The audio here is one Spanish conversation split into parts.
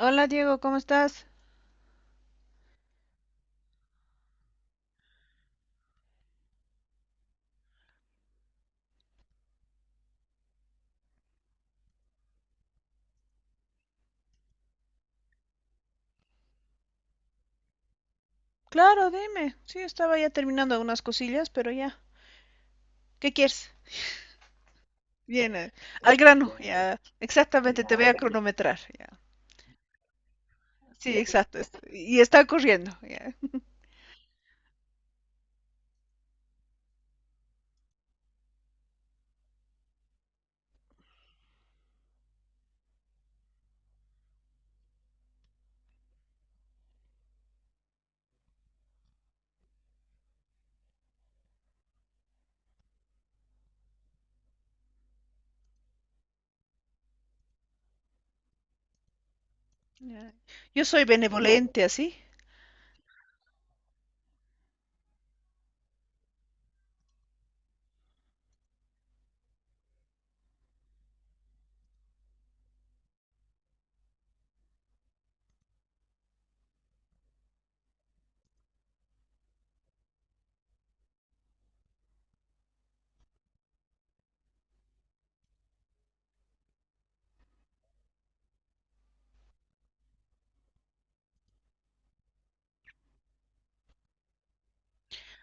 Hola Diego, ¿cómo estás? Claro, dime. Sí, estaba ya terminando unas cosillas, pero ya. ¿Qué quieres? Bien, al grano, ya. Exactamente, te voy a cronometrar, ya. Sí, exacto. Y está corriendo, ya. Ya. Yo soy benevolente, así.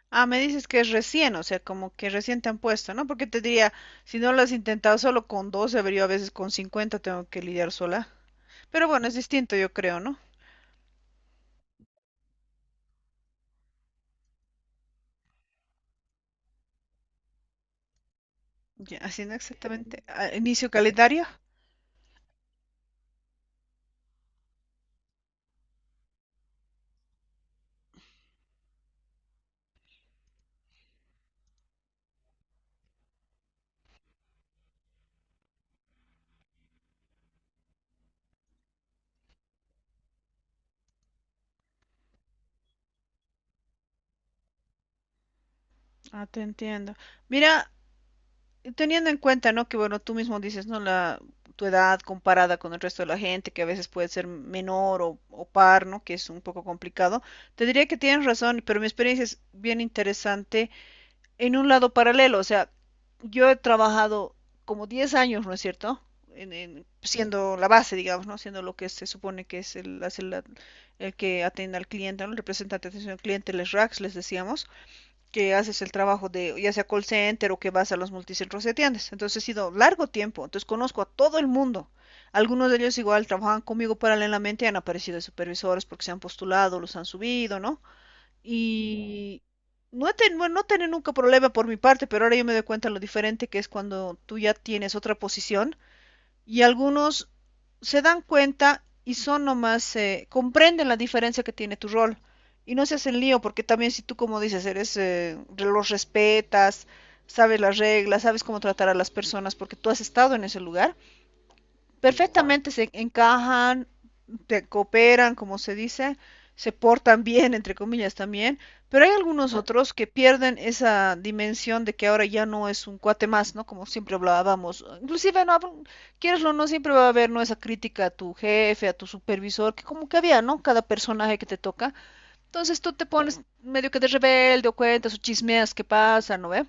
Ah, me dices que es recién, o sea, como que recién te han puesto, ¿no? Porque te diría, si no lo has intentado solo con 12, pero yo a veces con 50, tengo que lidiar sola. Pero bueno, es distinto, yo creo, ¿no? Ya, haciendo exactamente, ah, inicio calendario. Ah, te entiendo. Mira, teniendo en cuenta, ¿no? Que bueno, tú mismo dices, ¿no? Tu edad comparada con el resto de la gente, que a veces puede ser menor o par, ¿no? Que es un poco complicado. Te diría que tienes razón, pero mi experiencia es bien interesante en un lado paralelo. O sea, yo he trabajado como 10 años, ¿no es cierto? Siendo la base, digamos, ¿no? Siendo lo que se supone que es el que atiende al cliente, ¿no? El representante de atención al cliente, les RACs, les decíamos que haces el trabajo de ya sea call center o que vas a los multicentros de tiendas. Entonces ha sido largo tiempo, entonces conozco a todo el mundo. Algunos de ellos igual trabajan conmigo paralelamente y han aparecido de supervisores porque se han postulado, los han subido, ¿no? Y bueno, no tener nunca problema por mi parte, pero ahora yo me doy cuenta lo diferente que es cuando tú ya tienes otra posición y algunos se dan cuenta y son nomás, comprenden la diferencia que tiene tu rol y no se hacen lío porque también si tú, como dices, eres, los respetas, sabes las reglas, sabes cómo tratar a las personas porque tú has estado en ese lugar, perfectamente se encajan, te cooperan, como se dice, se portan bien, entre comillas también, pero hay algunos otros que pierden esa dimensión de que ahora ya no es un cuate más, ¿no? Como siempre hablábamos. Inclusive, no, quieres o no, siempre va a haber, ¿no? Esa crítica a tu jefe, a tu supervisor, que como que había, ¿no? Cada personaje que te toca. Entonces tú te pones medio que de rebelde o cuentas o chismeas qué pasa, ¿no ve?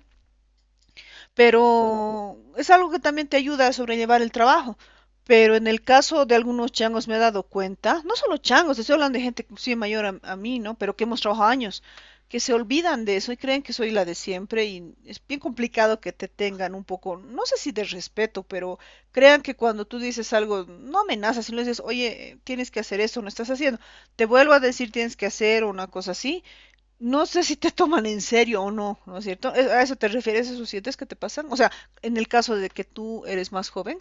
Pero es algo que también te ayuda a sobrellevar el trabajo. Pero en el caso de algunos changos me he dado cuenta, no solo changos, estoy hablando de gente inclusive mayor a mí, ¿no? Pero que hemos trabajado años, que se olvidan de eso y creen que soy la de siempre y es bien complicado que te tengan un poco, no sé si de respeto, pero crean que cuando tú dices algo, no amenazas, sino dices, oye, tienes que hacer eso, no estás haciendo, te vuelvo a decir tienes que hacer o una cosa así, no sé si te toman en serio o no, ¿no es cierto? ¿A eso te refieres, esos siete que te pasan? O sea, en el caso de que tú eres más joven.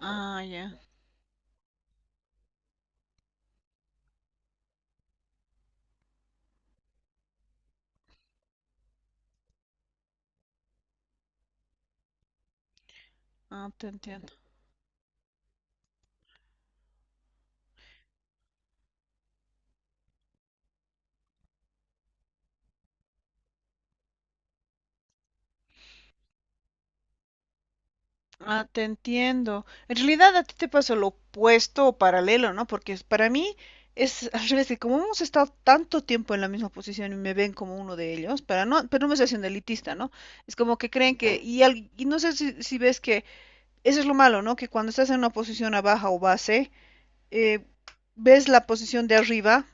Ah, ya. Ah, te entiendo. Ah, te entiendo. En realidad a ti te pasa lo opuesto o paralelo, ¿no? Porque para mí es al revés, que como hemos estado tanto tiempo en la misma posición y me ven como uno de ellos, para no, pero no me estoy haciendo elitista, ¿no? Es como que creen que, y, y no sé si ves que eso es lo malo, ¿no? Que cuando estás en una posición a baja o base, eh, ves la posición de arriba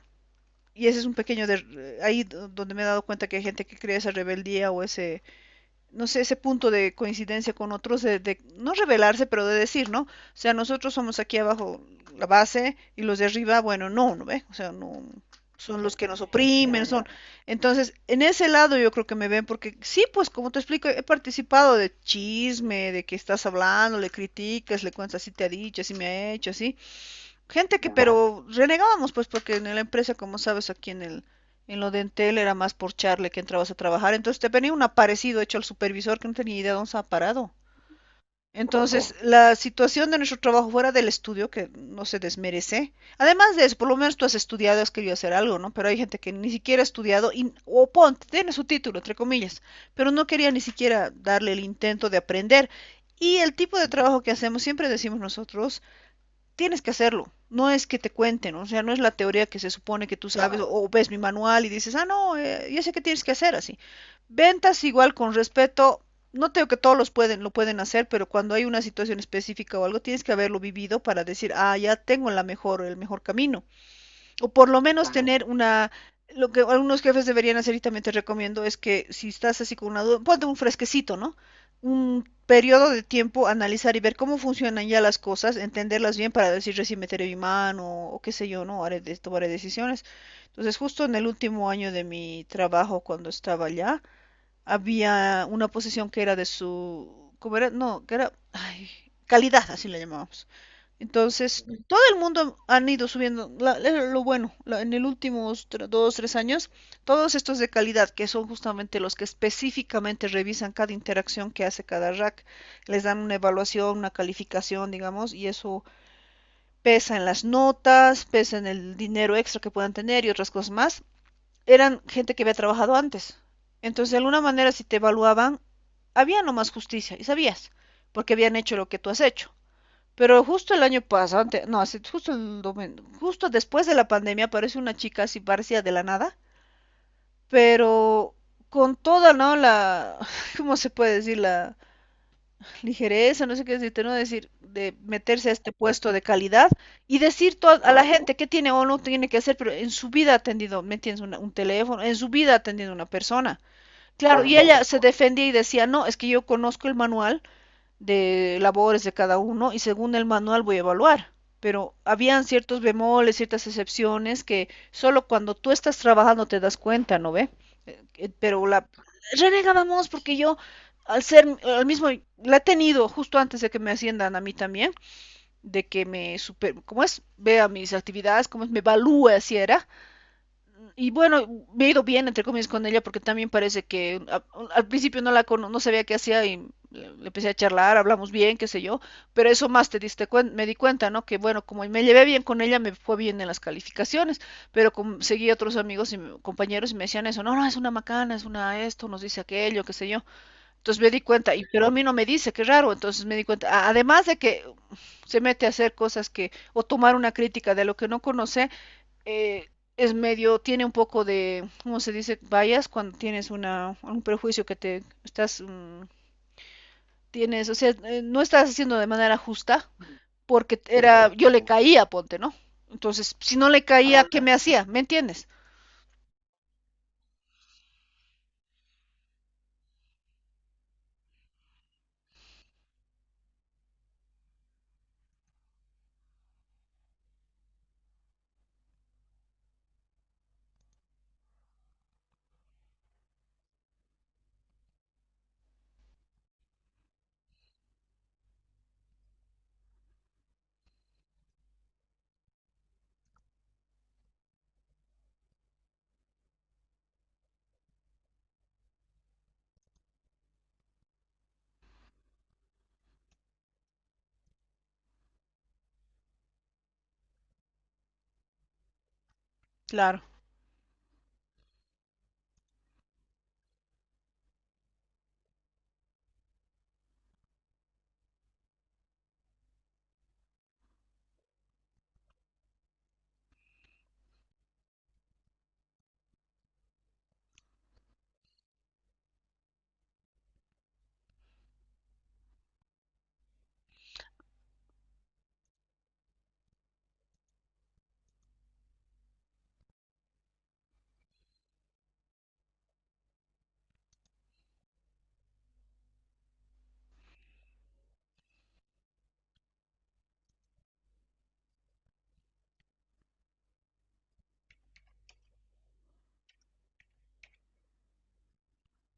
y ese es un pequeño de, ahí donde me he dado cuenta que hay gente que crea esa rebeldía o ese no sé ese punto de coincidencia con otros de no rebelarse pero de decir no o sea nosotros somos aquí abajo la base y los de arriba bueno no no ve o sea no son los que nos oprimen son entonces en ese lado yo creo que me ven porque sí pues como te explico he participado de chisme de que estás hablando le criticas le cuentas así te ha dicho así me ha hecho así. Gente que, pero renegábamos, pues, porque en la empresa, como sabes, aquí en el, en lo de Entel era más por charle que entrabas a trabajar. Entonces te venía un aparecido hecho al supervisor que no tenía idea de dónde estaba parado. Entonces, la situación de nuestro trabajo fuera del estudio, que no se desmerece. Además de eso, por lo menos tú has estudiado, has querido hacer algo, ¿no? Pero hay gente que ni siquiera ha estudiado, y, o ponte, tiene su título, entre comillas, pero no quería ni siquiera darle el intento de aprender. Y el tipo de trabajo que hacemos, siempre decimos nosotros, tienes que hacerlo. No es que te cuenten, o sea, no es la teoría que se supone que tú sabes o ves mi manual y dices, ah, no, ya sé qué tienes que hacer así. Ventas igual con respeto, no tengo que todos los pueden, lo pueden hacer, pero cuando hay una situación específica o algo, tienes que haberlo vivido para decir, ah, ya tengo la mejor, el mejor camino o por lo menos claro, tener una, lo que algunos jefes deberían hacer y también te recomiendo es que si estás así con una duda, ponte un fresquecito, ¿no? Un periodo de tiempo, analizar y ver cómo funcionan ya las cosas, entenderlas bien para decir recién meteré mi mano o qué sé yo, ¿no? Haré, tomaré decisiones. Entonces, justo en el último año de mi trabajo, cuando estaba allá, había una posición que era de su, ¿cómo era? No, que era, ay, calidad, así la llamábamos. Entonces, todo el mundo han ido subiendo, lo bueno, en los últimos dos, tres años, todos estos de calidad, que son justamente los que específicamente revisan cada interacción que hace cada rack, les dan una evaluación, una calificación, digamos, y eso pesa en las notas, pesa en el dinero extra que puedan tener y otras cosas más eran gente que había trabajado antes. Entonces, de alguna manera, si te evaluaban, había nomás justicia, y sabías, porque habían hecho lo que tú has hecho. Pero justo el año pasado, no, justo, justo después de la pandemia, aparece una chica así parecía de la nada, pero con toda, ¿no? La, ¿cómo se puede decir? La ligereza, no sé qué decirte, no decir, de meterse a este puesto de calidad y decir a la gente qué tiene o no tiene que hacer, pero en su vida ha atendido, ¿me entiendes? Un teléfono, en su vida ha atendido una persona. Claro, y ella se defendía y decía, no, es que yo conozco el manual de labores de cada uno y según el manual voy a evaluar. Pero habían ciertos bemoles, ciertas excepciones que solo cuando tú estás trabajando te das cuenta, ¿no ve? Pero la renegábamos porque yo, al ser, al mismo, la he tenido justo antes de que me asciendan a mí también, de que me super, ¿cómo es? Vea mis actividades, cómo es, me evalúe, así era, y bueno, me he ido bien, entre comillas, con ella porque también parece que al principio no sabía qué hacía y le empecé a charlar, hablamos bien, qué sé yo, pero eso más me di cuenta, ¿no? Que bueno, como me llevé bien con ella, me fue bien en las calificaciones, pero como seguí a otros amigos y compañeros y me decían eso, no, no, es una macana, es una esto, nos dice aquello, qué sé yo. Entonces me di cuenta, y pero a mí no me dice, qué raro, entonces me di cuenta, además de que se mete a hacer cosas que, o tomar una crítica de lo que no conoce, eh, es medio, tiene un poco de, ¿cómo se dice? Vayas cuando tienes una, un prejuicio que te estás, tienes, o sea, no estás haciendo de manera justa, porque era, yo le caía, ponte, ¿no? Entonces, si no le caía, ¿qué me hacía? ¿Me entiendes? Claro.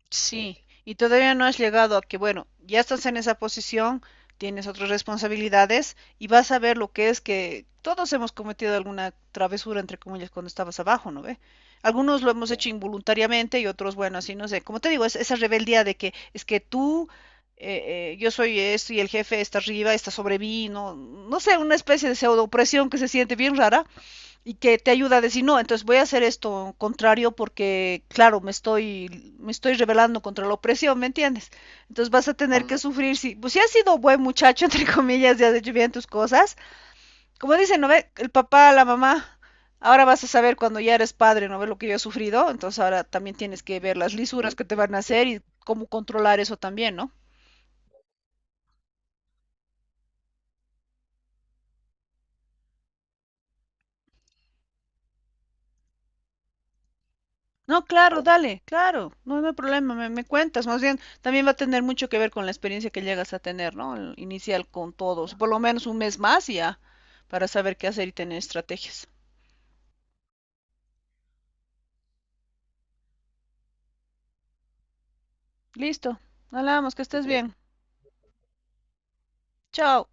Sí, y todavía no has llegado a que, bueno, ya estás en esa posición, tienes otras responsabilidades y vas a ver lo que es que todos hemos cometido alguna travesura, entre comillas, cuando estabas abajo, ¿no ve? Algunos lo hemos, sí, hecho involuntariamente y otros, bueno, así no sé. Como te digo, es esa rebeldía de que es que tú, yo soy esto y el jefe está arriba, está sobre mí, no, no sé, una especie de pseudo opresión que se siente bien rara y que te ayuda a decir, no, entonces voy a hacer esto contrario porque, claro, me estoy rebelando contra la opresión, ¿me entiendes? Entonces vas a tener que sufrir, si, pues si has sido buen muchacho, entre comillas, y has hecho bien tus cosas, como dicen, ¿no ve? El papá, la mamá, ahora vas a saber cuando ya eres padre, ¿no ves lo que yo he sufrido? Entonces ahora también tienes que ver las lisuras que te van a hacer y cómo controlar eso también, ¿no? No, claro, dale, claro, no, no hay problema, me cuentas, más bien también va a tener mucho que ver con la experiencia que llegas a tener, ¿no? El inicial con todos, por lo menos un mes más y ya, para saber qué hacer y tener estrategias. Listo, hablamos, que estés bien, chao.